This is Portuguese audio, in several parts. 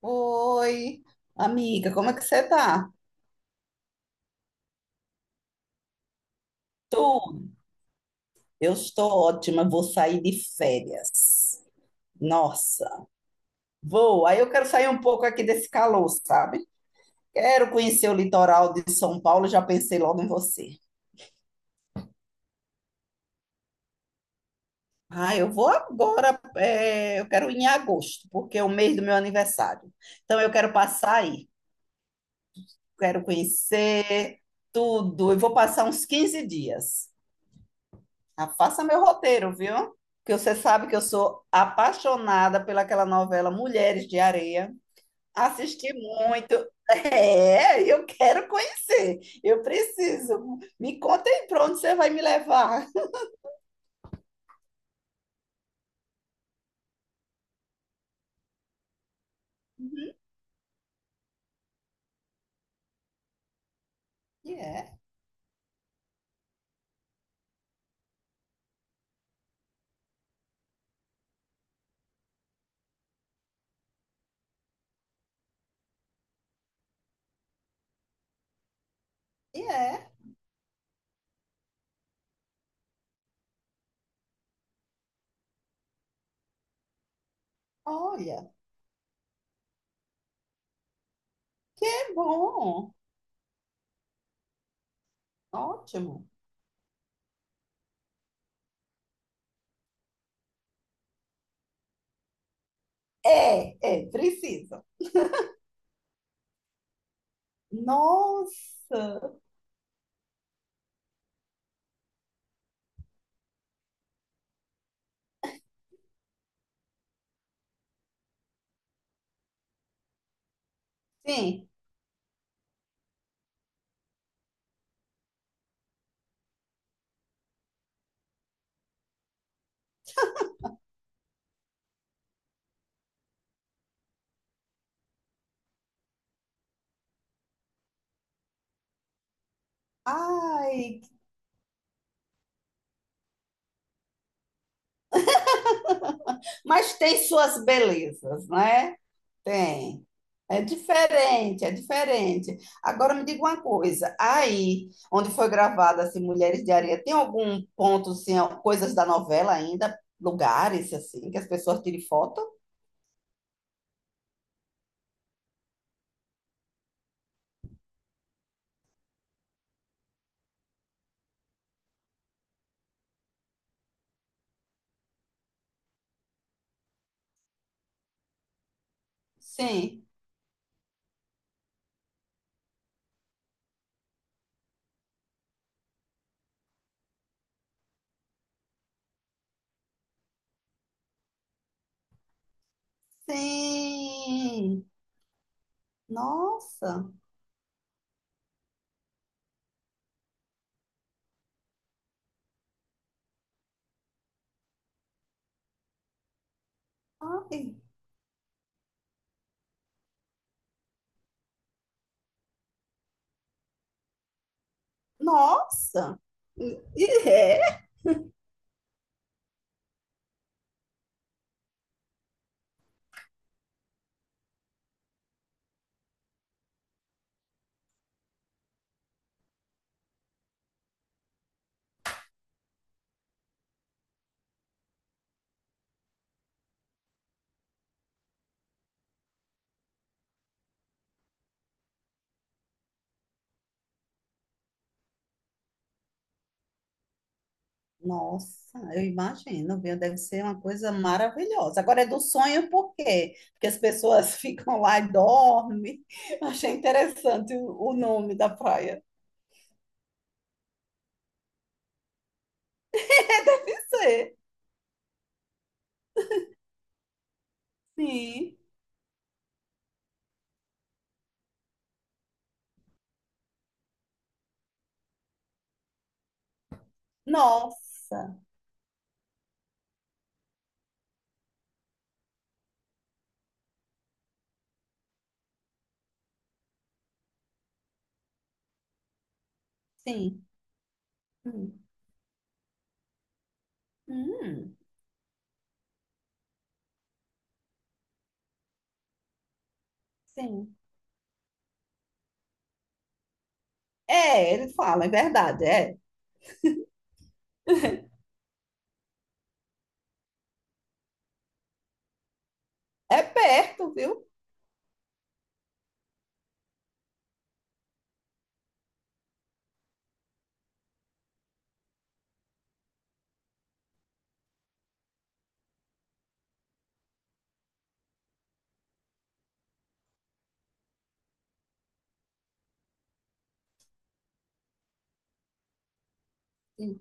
Oi, amiga, como é que você tá? Tô, eu estou ótima, vou sair de férias. Nossa, vou. Aí eu quero sair um pouco aqui desse calor, sabe? Quero conhecer o litoral de São Paulo, já pensei logo em você. Ah, eu vou agora, é, eu quero ir em agosto, porque é o mês do meu aniversário. Então eu quero passar aí, quero conhecer tudo. Eu vou passar uns 15 dias. Ah, faça meu roteiro, viu? Porque você sabe que eu sou apaixonada pelaquela novela Mulheres de Areia. Assisti muito. É, eu quero conhecer. Eu preciso. Me conta aí para onde você vai me levar. E é e é. Olha, que bom. Ótimo. É, é, precisa. Nossa, sim. Ai, mas tem suas belezas, né? Tem. É diferente, é diferente. Agora me diga uma coisa, aí onde foi gravada assim, Mulheres de Areia, tem algum ponto, assim, ó, coisas da novela ainda, lugares assim, que as pessoas tirem foto? Sim. Sim. Nossa. Ai, nossa. É. Nossa, eu imagino, viu? Deve ser uma coisa maravilhosa. Agora é do sonho por quê? Porque as pessoas ficam lá e dormem. Achei interessante o nome da praia. Isso é. Sim. Nossa. Sim. Hum. Hum. Sim. É, ele fala, é verdade, é. É perto, viu? Sim.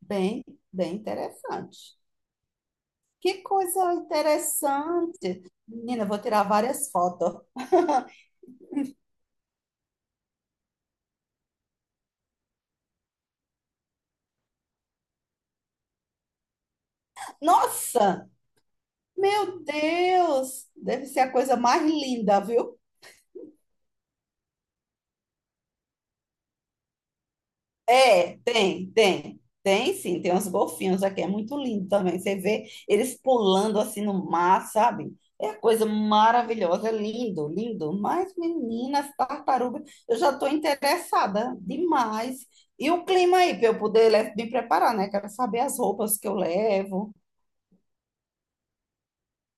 Bem, bem interessante. Que coisa interessante. Menina, eu vou tirar várias fotos. Nossa! Meu Deus! Deve ser a coisa mais linda, viu? É, tem, tem. Tem sim, tem uns golfinhos aqui, é muito lindo também. Você vê eles pulando assim no mar, sabe? É a coisa maravilhosa, é lindo, lindo. Mas, meninas, tartaruga, eu já estou interessada demais. E o clima aí, para eu poder me preparar, né? Quero saber as roupas que eu levo,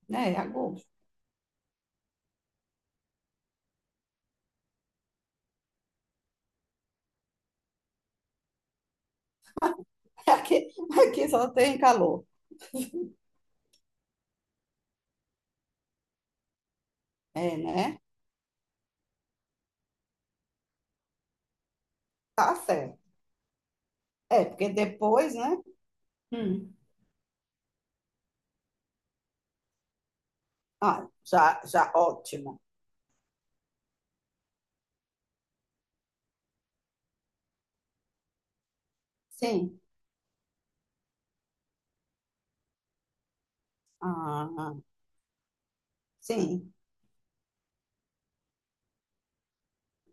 né? A Aqui, aqui só tem calor. É, né? Tá certo. É, porque depois, né? Hum, ah, já, já, ótimo. Sim. Ah, sim,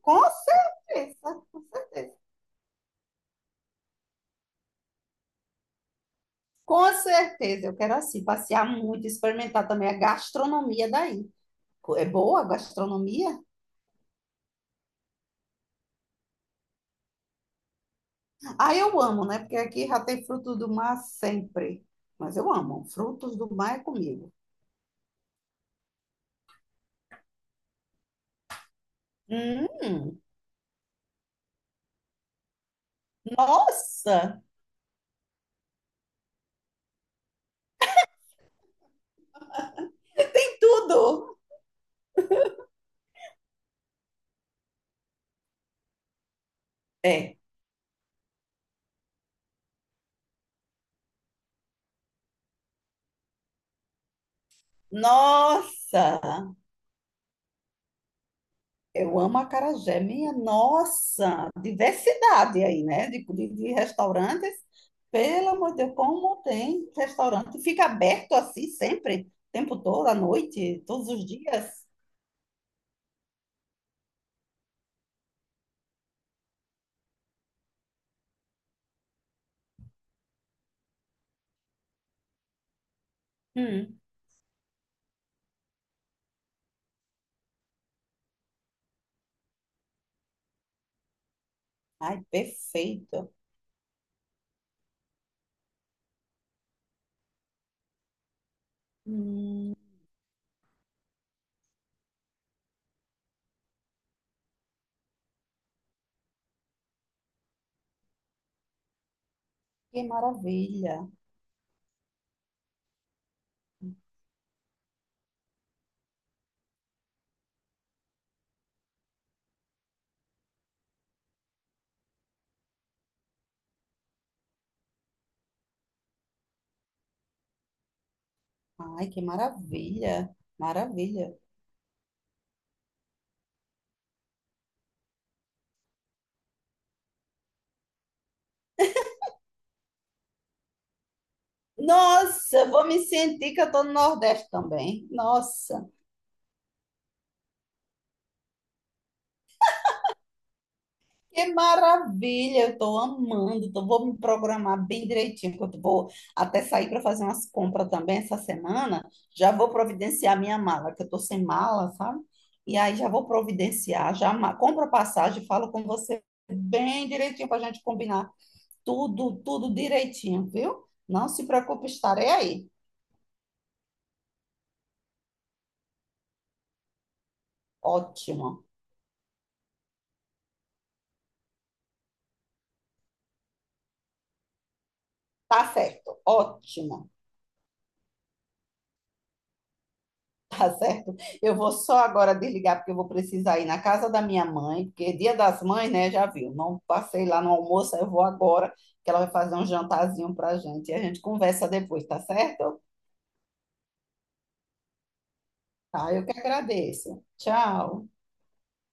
com certeza, com certeza. Com certeza, eu quero assim passear muito, experimentar também a gastronomia daí. É boa a gastronomia? Ah, eu amo, né? Porque aqui já tem frutos do mar sempre. Mas eu amo, frutos do mar é comigo. Hum, nossa, que tudo! É, nossa. Eu amo acarajé, minha nossa, diversidade aí, né? De restaurantes, pelo amor de Deus, como tem restaurante? Fica aberto assim sempre, o tempo todo, à noite, todos os dias. Hum. Ai, perfeito. Hum, que maravilha. Ai, que maravilha. Maravilha. Nossa, eu vou me sentir que eu tô no Nordeste também. Nossa. Que maravilha, eu estou amando. Então vou me programar bem direitinho, porque eu vou até sair para fazer umas compras também essa semana. Já vou providenciar minha mala, que eu estou sem mala, sabe? E aí já vou providenciar, compro a passagem, falo com você bem direitinho para a gente combinar tudo, tudo direitinho, viu? Não se preocupe, estarei aí. Ótimo. Tá certo, ótimo. Tá certo? Eu vou só agora desligar, porque eu vou precisar ir na casa da minha mãe, porque é dia das mães, né? Já viu. Não passei lá no almoço, aí eu vou agora, que ela vai fazer um jantarzinho pra gente. E a gente conversa depois, tá certo? Tá, eu que agradeço. Tchau.